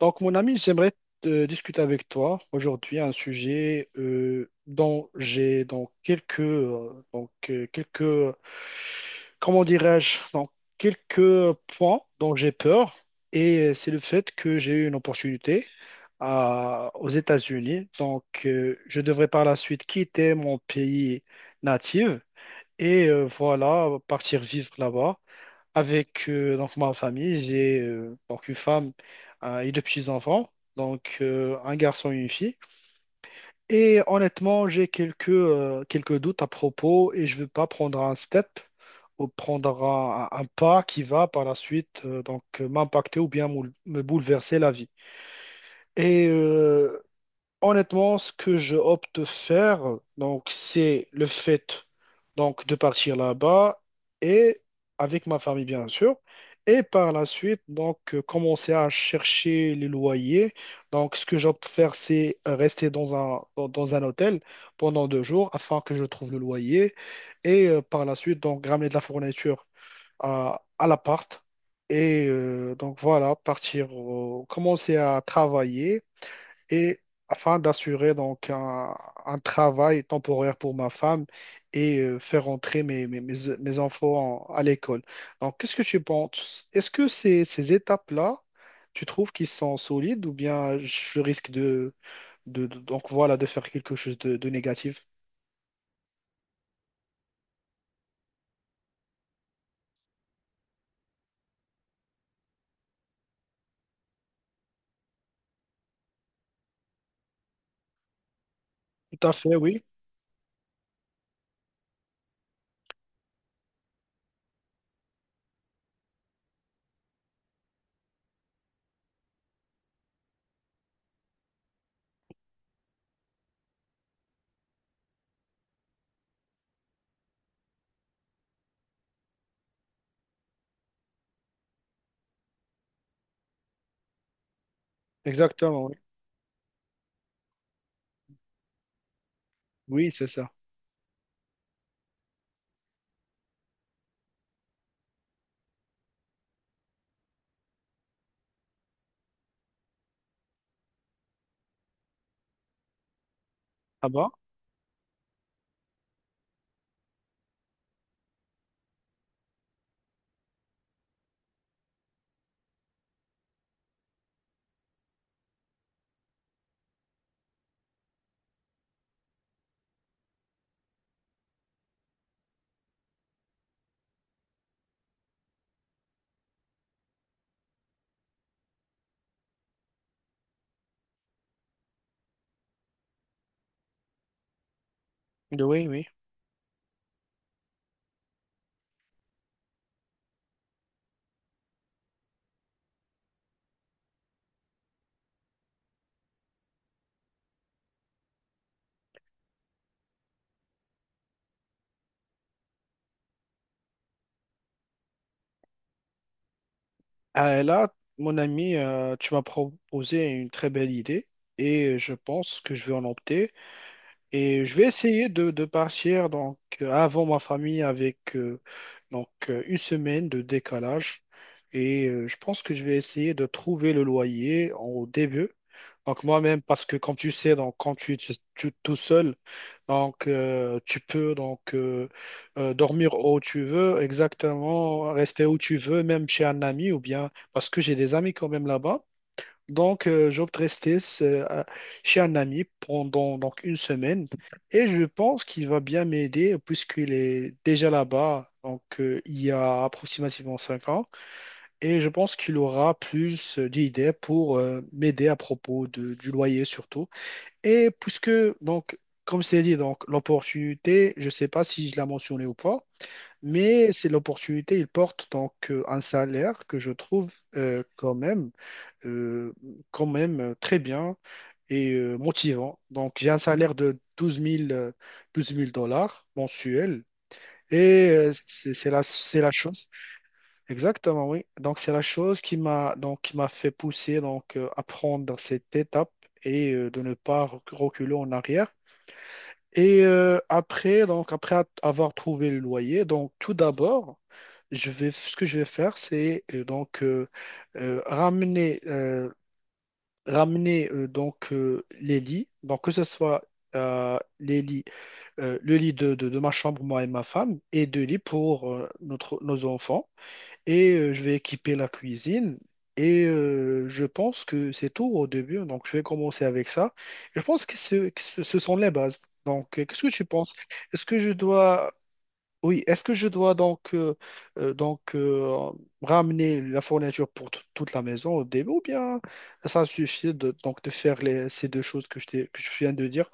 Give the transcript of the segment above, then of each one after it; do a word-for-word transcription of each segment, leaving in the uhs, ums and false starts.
Donc, mon ami, j'aimerais euh, discuter avec toi aujourd'hui un sujet euh, dont j'ai donc quelques euh, donc euh, quelques comment dirais-je donc quelques points dont j'ai peur. Et euh, c'est le fait que j'ai eu une opportunité à- aux États-Unis. Donc, euh, je devrais par la suite quitter mon pays natif et euh, voilà partir vivre là-bas. Avec euh, donc ma famille. J'ai euh, donc une femme euh, et deux petits-enfants, donc euh, un garçon et une fille. Et honnêtement, j'ai quelques, euh, quelques doutes à propos, et je veux pas prendre un step ou prendre un, un pas qui va par la suite euh, donc euh, m'impacter ou bien moul- me bouleverser la vie. Et euh, Honnêtement, ce que je opte de faire, donc, c'est le fait donc, de partir là-bas, et avec ma famille, bien sûr. Et par la suite, donc, euh, commencer à chercher les loyers. Donc, ce que j'opte de faire, c'est rester dans un, dans dans un hôtel pendant deux jours afin que je trouve le loyer. Et euh, par la suite, donc, ramener de la fourniture à, à l'appart. Et euh, donc, voilà, partir, au- commencer à travailler, et afin d'assurer donc un, un travail temporaire pour ma femme, et euh, faire entrer mes, mes, mes, mes enfants en- à l'école. Donc, qu'est-ce que tu penses? Est-ce que ces, ces étapes-là, tu trouves qu'ils sont solides, ou bien je risque de, de, de- donc voilà, de faire quelque chose de, de négatif? Tout à fait, oui. Exactement. Oui, c'est ça. Ah bon? Oui, oui. Ah, là, mon ami, euh, tu m'as proposé une très belle idée, et je pense que je vais en opter. Et je vais essayer de, de partir donc euh, avant ma famille avec euh, donc euh, une semaine de décalage. Et euh, je pense que je vais essayer de trouver le loyer en- au début. Donc moi-même, parce que comme tu sais, donc quand tu es tu- tu- tout seul, donc euh, tu peux donc euh, euh, dormir où tu veux, exactement, rester où tu veux, même chez un ami, ou bien parce que j'ai des amis quand même là-bas. Donc, euh, j'opte rester euh, à- chez un ami pendant donc une semaine, et je pense qu'il va bien m'aider puisqu'il est déjà là-bas, donc euh, il y a approximativement cinq ans, et je pense qu'il aura plus euh, d'idées pour euh, m'aider à propos de- du loyer surtout. Et puisque, donc, comme c'est dit, donc l'opportunité, je ne sais pas si je l'ai mentionné ou pas, mais c'est l'opportunité, il porte donc euh, un salaire que je trouve euh, quand même euh, quand même euh, très bien et euh, motivant. Donc, j'ai un salaire de douze mille euh, douze mille dollars mensuels. Et euh, c'est c'est la, c'est la chose. Exactement, oui. Donc, c'est la chose qui m'a donc, qui m'a fait pousser donc, euh, à prendre cette étape, et euh, de ne pas rec- reculer en arrière. Et euh, après, donc, après a- avoir trouvé le loyer, donc, tout d'abord, je vais, ce que je vais faire, c'est euh, donc euh, euh, ramener euh, ramener euh, donc euh, les lits, donc que ce soit euh, les lits, euh, le lit de, de, de ma chambre, moi et ma femme, et deux lits pour euh, notre, nos enfants. Et euh, je vais équiper la cuisine. Et euh, je pense que c'est tout au début, donc je vais commencer avec ça. Je pense que, ce, que ce ce sont les bases. Donc, euh, qu'est-ce que tu penses? Est-ce que je dois, oui, est-ce que je dois donc, euh, euh, donc euh, ramener la fourniture pour tout- toute la maison au début, ou bien ça suffit de, donc de faire les, ces deux choses que je t'ai- que je viens de dire?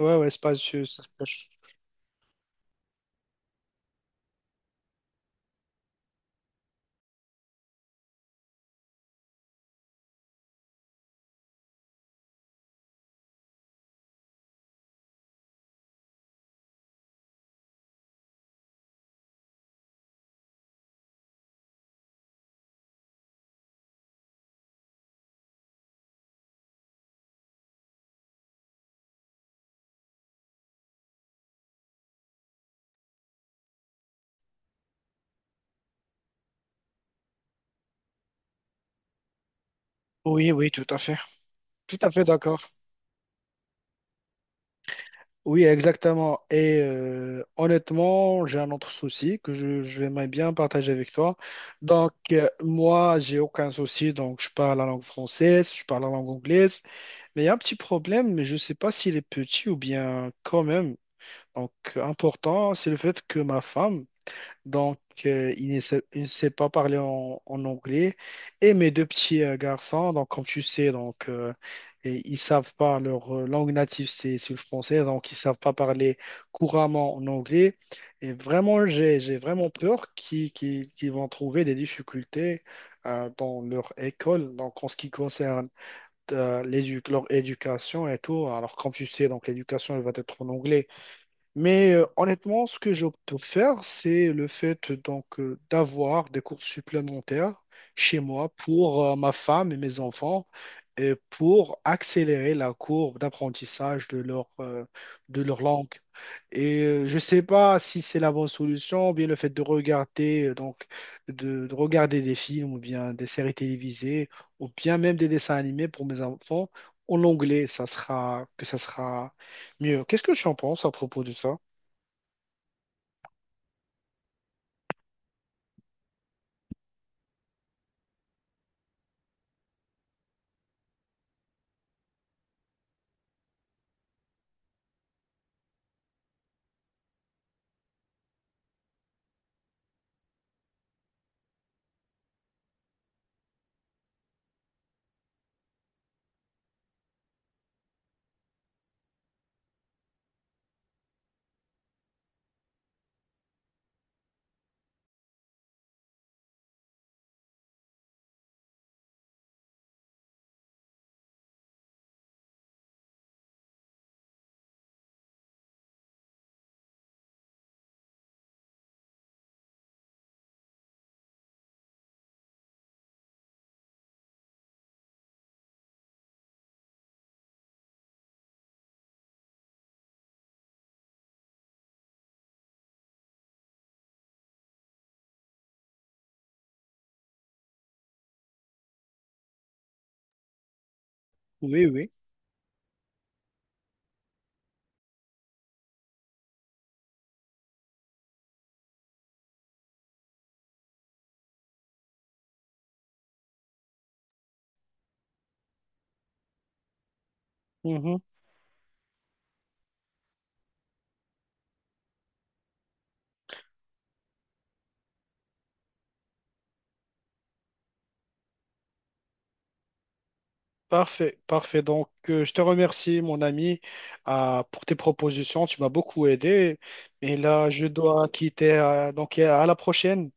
Ouais, ouais, c'est pas... je- ça- ça- je- Oui, oui, tout à fait. Tout à fait d'accord. Oui, exactement. Et euh, honnêtement, j'ai un autre souci que je, je vais bien partager avec toi. Donc, euh, moi, j'ai aucun souci. Donc, je parle la langue française, je parle la langue anglaise. Mais il y a un petit problème, mais je ne sais pas s'il est petit ou bien quand même Donc, euh, important. C'est le fait que ma femme, donc, euh, il ne sait, il ne sait pas parler en, en anglais. Et mes deux petits euh, garçons, donc, comme tu sais, donc, euh, et ils savent pas leur euh, langue native, c'est c'est le français. Donc, ils savent pas parler couramment en anglais. Et vraiment, j'ai, j'ai vraiment peur qu'ils qu'ils- qu'ils vont trouver des difficultés euh, dans leur école. Donc, en ce qui concerne euh, l'édu- leur éducation et tout. Alors, comme tu sais, donc, l'éducation, elle va être en anglais. Mais euh, honnêtement, ce que j'opte pour faire, c'est le fait euh, donc euh, d'avoir des cours supplémentaires chez moi pour euh, ma femme et mes enfants, et pour accélérer la courbe d'apprentissage de leur, euh, de leur langue. Et euh, je ne sais pas si c'est la bonne solution, ou bien le fait de regarder, euh, donc, de, de regarder des films ou bien des séries télévisées, ou bien même des dessins animés pour mes enfants en anglais, ça sera, que ça sera mieux. Qu'est-ce que tu en penses à propos de ça? Oui, oui. Mhm. Parfait, parfait. Donc, euh, je te remercie, mon ami, euh, pour tes propositions. Tu m'as beaucoup aidé. Et là, je dois quitter. Euh, donc, à la prochaine.